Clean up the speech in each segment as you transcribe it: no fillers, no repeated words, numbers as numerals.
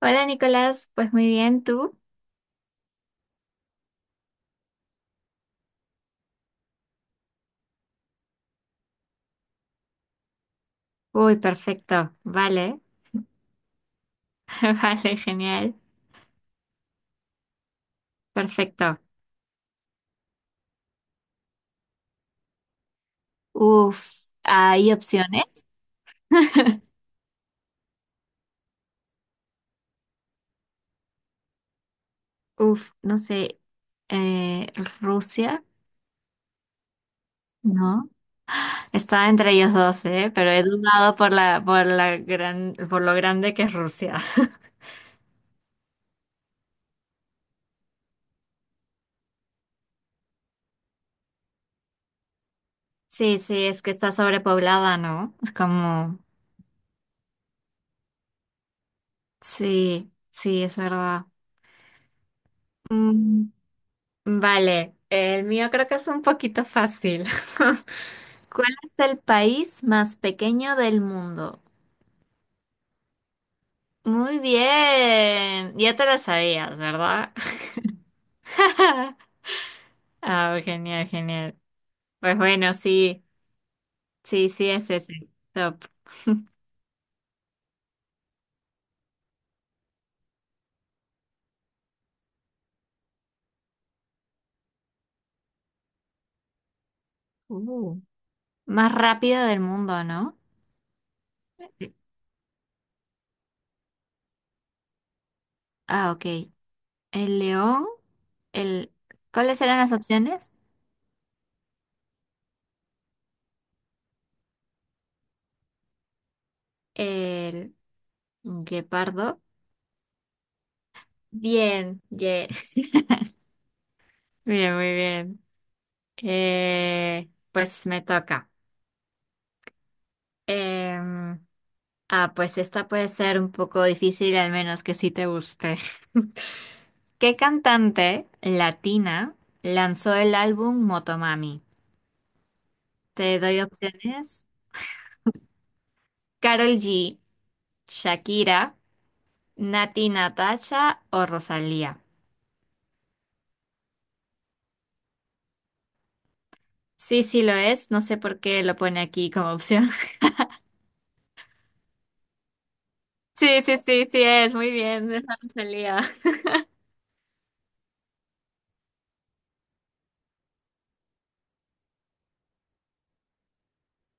Hola Nicolás, pues muy bien, ¿tú? Uy, perfecto, vale, vale, genial, perfecto. Uf, ¿hay opciones? Uf, no sé, eh, Rusia, ¿no? Estaba entre ellos dos, ¿eh? Pero he dudado por la gran, por lo grande que es Rusia. Sí, sí, es que está sobrepoblada, ¿no? Es como, sí, sí, es verdad. Mm, vale, el mío creo que es un poquito fácil. ¿Cuál es el país más pequeño del mundo? Muy bien, ya te lo sabías, ¿verdad? Ah, genial, genial. Pues bueno, sí, sí, sí es ese. Top. Uh, Más rápido del mundo, ¿no? Ah, ok. El león, el... ¿Cuáles eran las opciones? El guepardo. Bien, yeah. Bien, muy bien. Pues me toca. Em, Ah, pues esta puede ser un poco difícil, al menos que sí te guste. ¿Qué cantante latina lanzó el álbum Motomami? Te doy opciones. Carol G, Shakira, Nati Natasha o Rosalía. Sí, sí lo es. No sé por qué lo pone aquí como opción. Sí, sí, sí, sí es. Muy bien, es la Rosalía.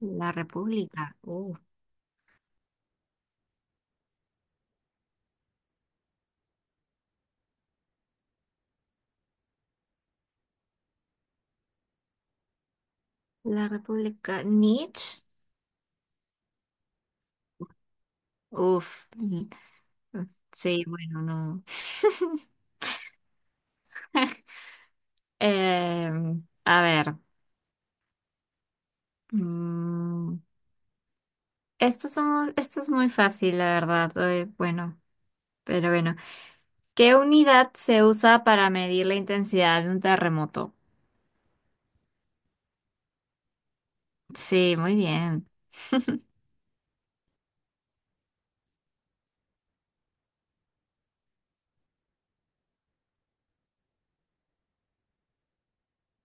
La República. La República. Nietzsche. Uf. Sí, bueno, no. Eh, a ver, mm, esto es, esto es muy fácil, la verdad. Bueno, pero bueno. ¿Qué unidad se usa para medir la intensidad de un terremoto? Sí, muy bien.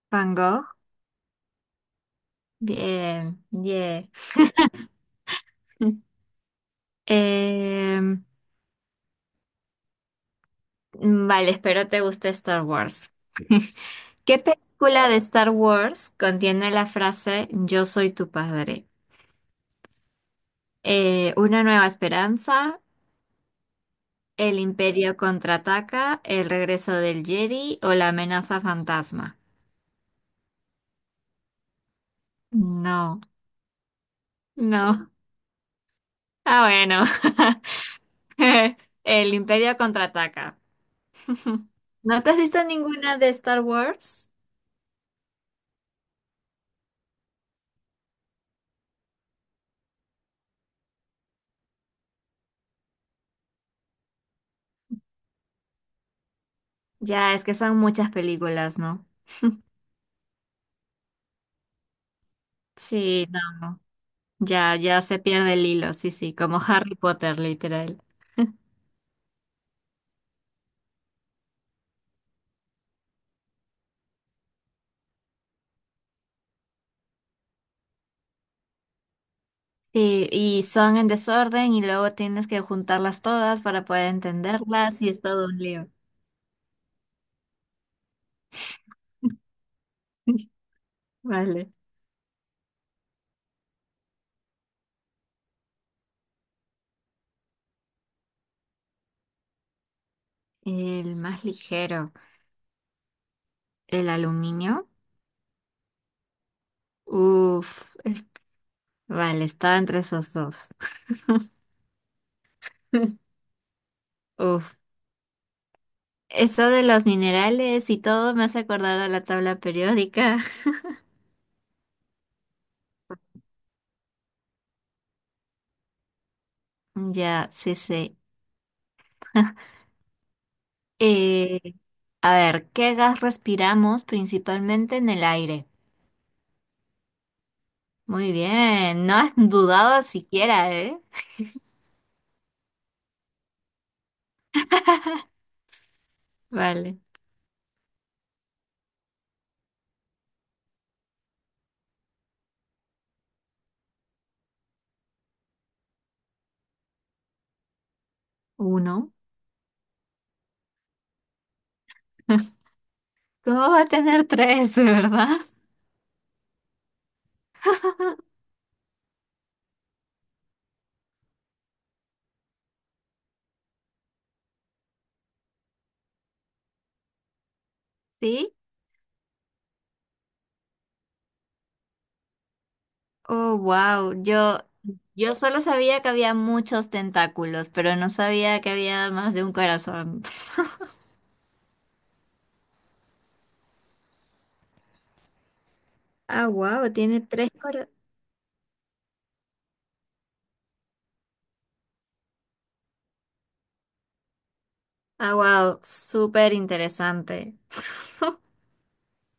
Van Gogh. Bien, yeah. Eh, vale, espero te guste Star Wars. ¿Qué película de Star Wars contiene la frase Yo soy tu padre? Una nueva esperanza, El Imperio contraataca, el regreso del Jedi o la amenaza fantasma. No, no. Ah, bueno. El Imperio contraataca. ¿No te has visto ninguna de Star Wars? Ya, es que son muchas películas, ¿no? Sí, no. No. Ya, ya se pierde el hilo, sí, sí, como Harry Potter, literal. Sí, y son en desorden y luego tienes que juntarlas todas para poder entenderlas y es todo un lío. Vale. El más ligero, el aluminio. Uf, vale, estaba entre esos dos. Uf, eso de los minerales y todo me hace acordar a la tabla periódica. Ya, sí, sí. Eh, a ver, ¿qué gas respiramos principalmente en el aire? Muy bien, no has dudado siquiera, ¿eh? Vale, uno. ¿Cómo va a tener tres, de verdad? Sí, oh, wow. Yo solo sabía que había muchos tentáculos, pero no sabía que había más de un corazón. Ah, wow, tiene tres corazones. Ah, wow, súper interesante.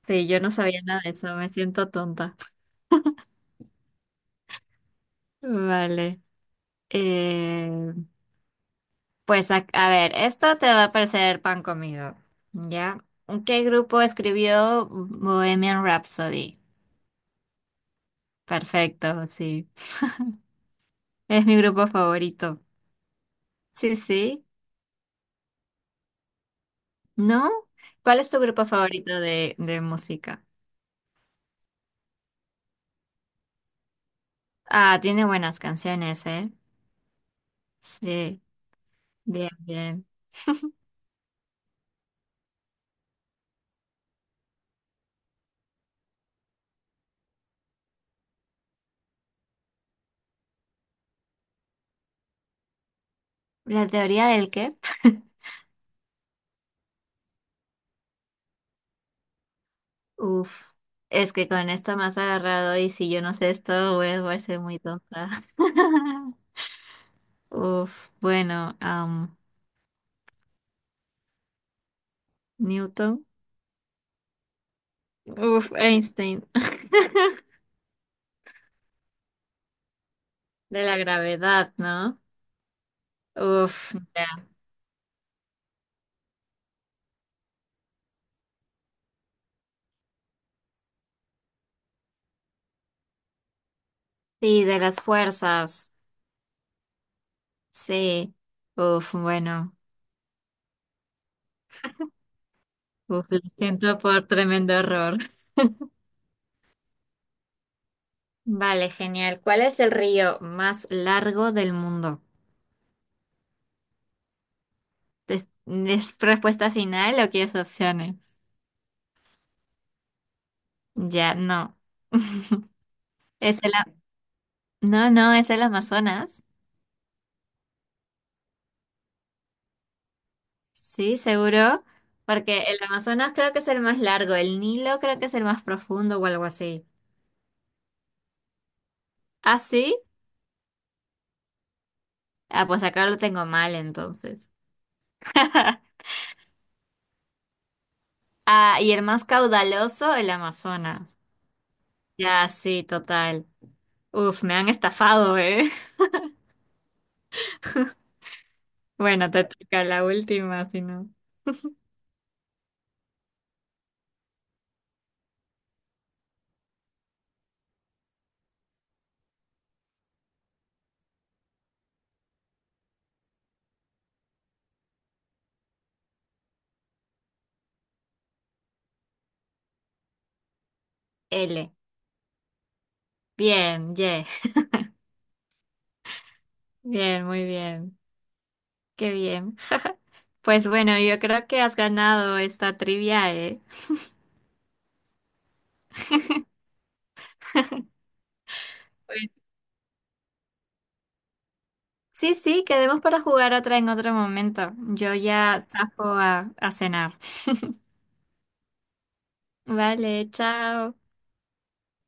Sí, yo no sabía nada de eso, me siento tonta. Vale. Eh, pues a ver, esto te va a parecer pan comido, ¿ya? ¿Qué grupo escribió Bohemian Rhapsody? Perfecto, sí. Es mi grupo favorito. Sí, sí. ¿No? ¿Cuál es tu grupo favorito de música? Ah, tiene buenas canciones, ¿eh? Sí, bien, bien. ¿La teoría del qué? Uf, es que con esto más agarrado y si yo no sé esto, voy a ser muy tonta. Uf, bueno, Newton. Uf, Einstein. De la gravedad, ¿no? Uf, ya. Sí, de las fuerzas. Sí. Uf, bueno. Uf, lo siento por tremendo error. Vale, genial. ¿Cuál es el río más largo del mundo? Es respuesta final o quieres opciones? Ya, no. Es el, no, no, es el Amazonas. Sí, seguro. Porque el Amazonas creo que es el más largo, el Nilo creo que es el más profundo o algo así. ¿Ah, sí? Ah, pues acá lo tengo mal entonces. Ah, y el más caudaloso, el Amazonas. Ya, sí, total. Uf, me han estafado, ¿eh? Bueno, te toca la última, si no. L. Bien, yeah. Bien, muy bien. Qué bien. Pues bueno, yo creo que has ganado esta trivia, ¿eh? Pues sí, sí, quedemos para jugar otra en otro momento. Yo ya zafo a cenar. Vale, chao.